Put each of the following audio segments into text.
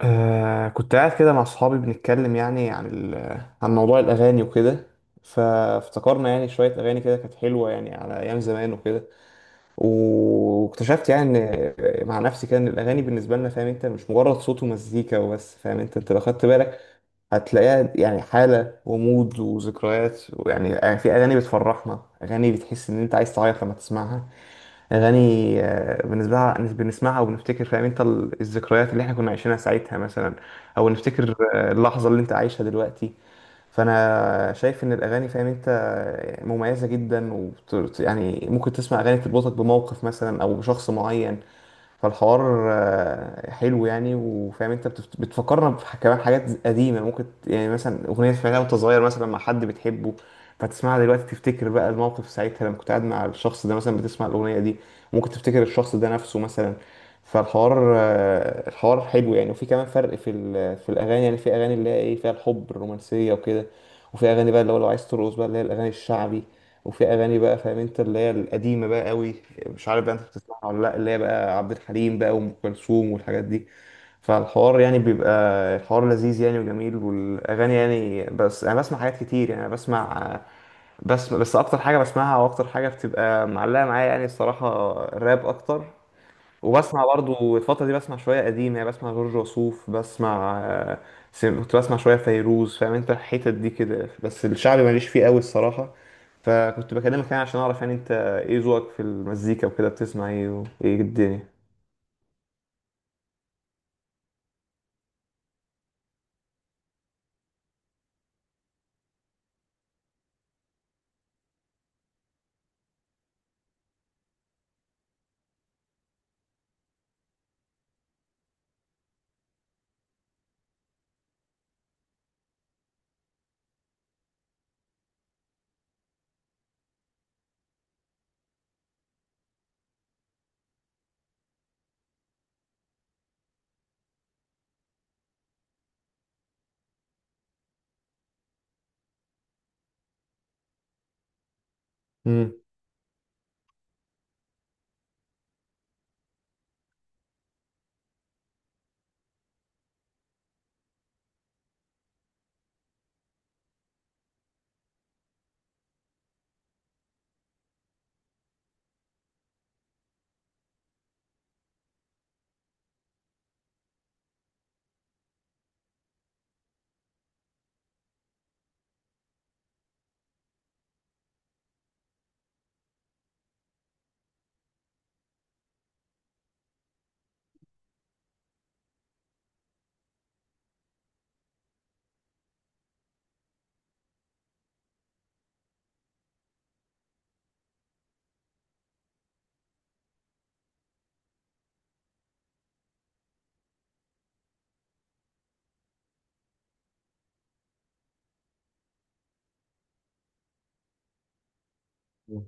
كنت قاعد كده مع صحابي، بنتكلم يعني عن عن موضوع الأغاني وكده. فافتكرنا يعني شوية أغاني كده، كانت حلوة يعني على أيام زمان وكده. واكتشفت يعني، إن مع نفسي كده، إن الأغاني بالنسبة لنا، فاهم أنت، مش مجرد صوت ومزيكا وبس. فاهم أنت لو خدت بالك هتلاقيها يعني حالة ومود وذكريات. ويعني في أغاني بتفرحنا، أغاني بتحس إن أنت عايز تعيط لما تسمعها. اغاني، بالنسبه لها بنسمعها وبنفتكر، فاهم انت، الذكريات اللي احنا كنا عايشينها ساعتها مثلا، او نفتكر اللحظه اللي انت عايشها دلوقتي. فانا شايف ان الاغاني، فاهم انت، مميزه جدا يعني ممكن تسمع اغاني تربطك بموقف مثلا او بشخص معين. فالحوار حلو يعني. وفاهم انت، بتفكرنا كمان حاجات قديمه ممكن يعني مثلا اغنيه سمعتها وانت صغير مثلا مع حد بتحبه، فتسمعها دلوقتي تفتكر بقى الموقف ساعتها، لما كنت قاعد مع الشخص ده مثلا بتسمع الاغنيه دي. ممكن تفتكر الشخص ده نفسه مثلا. فالحوار آه، الحوار حلو يعني. وفي كمان فرق في في الاغاني يعني. في اغاني اللي هي ايه، فيها الحب، الرومانسيه وكده. وفي اغاني بقى اللي هو لو عايز ترقص بقى، اللي هي الاغاني الشعبي. وفي اغاني بقى، فاهم انت، اللي هي القديمه بقى قوي. مش عارف بقى انت بتسمعها ولا لا، اللي هي بقى عبد الحليم بقى، وام كلثوم، والحاجات دي. فالحوار يعني بيبقى، الحوار لذيذ يعني وجميل. والاغاني يعني، بس انا بسمع حاجات كتير يعني. أنا بسمع، بس اكتر حاجه بسمعها واكتر حاجه بتبقى معلقه معايا يعني، الصراحه، الراب اكتر. وبسمع برضو الفترة دي، بسمع شوية قديم. يعني بسمع جورج وسوف، بسمع كنت بسمع شوية فيروز، فاهم انت، الحتت دي كده. بس الشعبي ماليش فيه قوي الصراحة. فكنت بكلمك يعني عشان اعرف يعني انت ايه ذوقك في المزيكا وكده، بتسمع ايه وايه الدنيا. مم.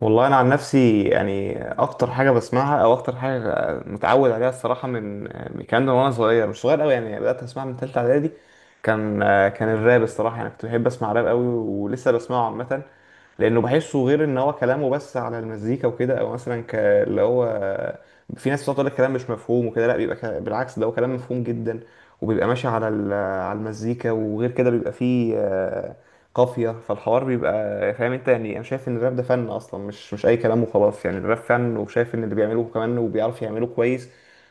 والله انا عن نفسي يعني اكتر حاجه بسمعها او اكتر حاجه متعود عليها الصراحه، من كان وانا صغير، مش صغير قوي يعني، بدات اسمعها من ثالثه اعدادي. كان كان الراب الصراحه، يعني كنت بحب اسمع راب قوي، ولسه بسمعه عامه. لانه بحسه غير، ان هو كلامه بس على المزيكا وكده. او مثلا اللي هو في ناس بتقعد تقول الكلام مش مفهوم وكده، لا بيبقى بالعكس ده هو كلام مفهوم جدا، وبيبقى ماشي على المزيكا. وغير كده بيبقى فيه قافية، فالحوار بيبقى، فاهم انت، يعني انا شايف ان الراب ده فن اصلا، مش اي كلام وخلاص. يعني الراب فن، وشايف ان اللي بيعملوه كمان وبيعرف يعملوه كويس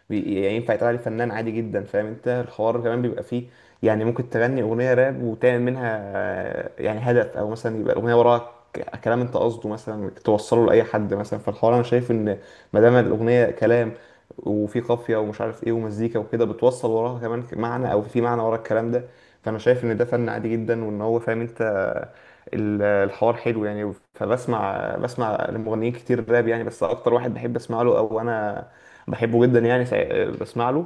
يعني ينفع يتقال عليه فنان عادي جدا. فاهم انت الحوار كمان بيبقى فيه، يعني ممكن تغني اغنية راب وتعمل منها يعني هدف، او مثلا يبقى الاغنية وراها كلام انت قصده مثلا توصله لاي حد مثلا. فالحوار انا شايف ان ما دام الاغنية كلام، وفي قافية ومش عارف ايه ومزيكا وكده، بتوصل وراها كمان معنى، او في معنى ورا الكلام ده، فانا شايف ان ده فن عادي جدا. وان هو، فاهم انت، الحوار حلو يعني. فبسمع لمغنيين كتير راب يعني. بس اكتر واحد بحب اسمع له، او انا بحبه جدا يعني، بسمع له،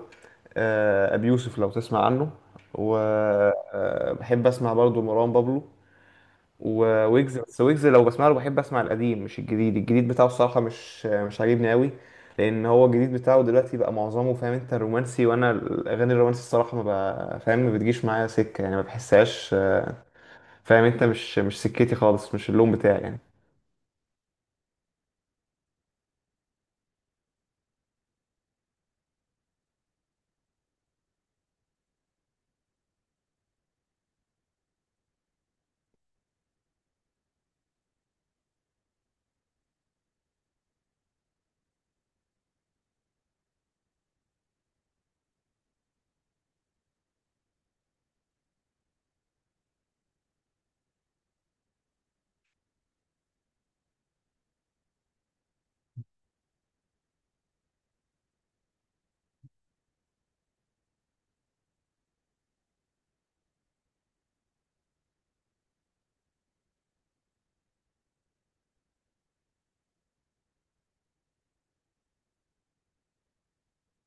ابي يوسف لو تسمع عنه. وبحب اسمع برضه مروان بابلو وويجز. بس ويجز لو بسمع له بحب اسمع القديم، مش الجديد. الجديد بتاعه الصراحة مش عاجبني قوي. لان هو الجديد بتاعه دلوقتي بقى معظمه، فاهم انت، رومانسي. وانا الاغاني الرومانسي الصراحة ما بقى فاهم، ما بتجيش معايا سكة يعني، ما بحسهاش، فاهم انت، مش سكتي خالص، مش اللون بتاعي يعني.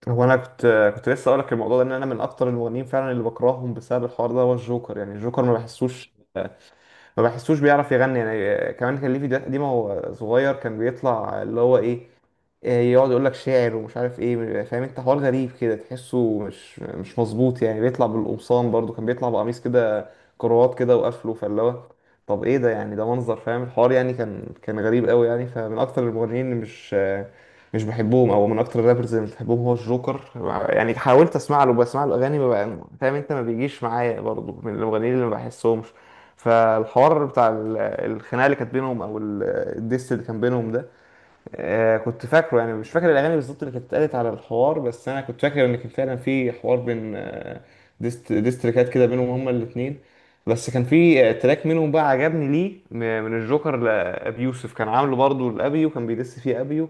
هو انا كنت لسه اقول لك الموضوع ده، ان انا من اكتر المغنيين فعلا اللي بكرههم بسبب الحوار ده، هو الجوكر. يعني الجوكر ما بحسوش بيعرف يغني يعني. كمان كان ليه فيديوهات قديمة وهو صغير، كان بيطلع اللي هو ايه، يقعد يقول لك شاعر ومش عارف ايه، فاهم انت، حوار غريب كده، تحسه مش مظبوط يعني. بيطلع بالقمصان برضو، كان بيطلع بقميص كده، كروات كده وقفله، فاللي هو طب ايه ده يعني؟ ده منظر، فاهم الحوار يعني، كان غريب قوي يعني. فمن اكتر المغنيين اللي مش بحبهم، او من اكتر الرابرز اللي مش بحبهم، هو الجوكر. يعني حاولت اسمع له، بسمع له اغاني ما بقى- فاهم انت، ما بيجيش معايا برضو من المغنيين اللي ما بحسهمش. فالحوار بتاع الخناقه اللي كانت بينهم، او الديس اللي كان بينهم ده، كنت فاكره يعني. مش فاكر الاغاني بالظبط اللي كانت اتقالت على الحوار، بس انا كنت فاكر ان كان فعلا في حوار بين ديستريكات كده بينهم هما الاثنين. بس كان في تراك منهم بقى عجبني ليه من الجوكر لابي يوسف، كان عامله برضه لابي، وكان بيدس فيه ابيو.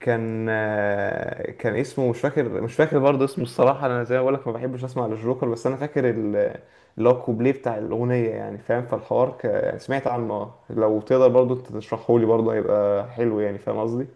كان اسمه مش فاكر برضه اسمه الصراحة. أنا زي ما بقولك ما بحبش أسمع للجوكر، بس أنا فاكر اللي هو الكوبليه بتاع الأغنية يعني، فاهم. فالحوار يعني سمعت عنه، لو تقدر برضه تشرحهولي برضه، هيبقى حلو يعني، فاهم قصدي.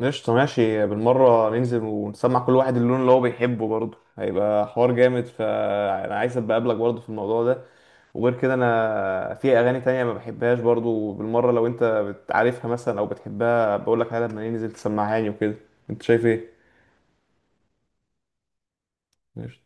قشطة، ماشي. بالمرة ننزل ونسمع كل واحد اللون اللي هو بيحبه، برضه هيبقى حوار جامد. فأنا عايز أبقى أقابلك برضه في الموضوع ده. وغير كده أنا في أغاني تانية ما بحبهاش برضه بالمرة، لو أنت بتعرفها مثلا أو بتحبها بقولك عليها، لما ننزل تسمعها لي وكده. أنت شايف إيه؟ قشطة.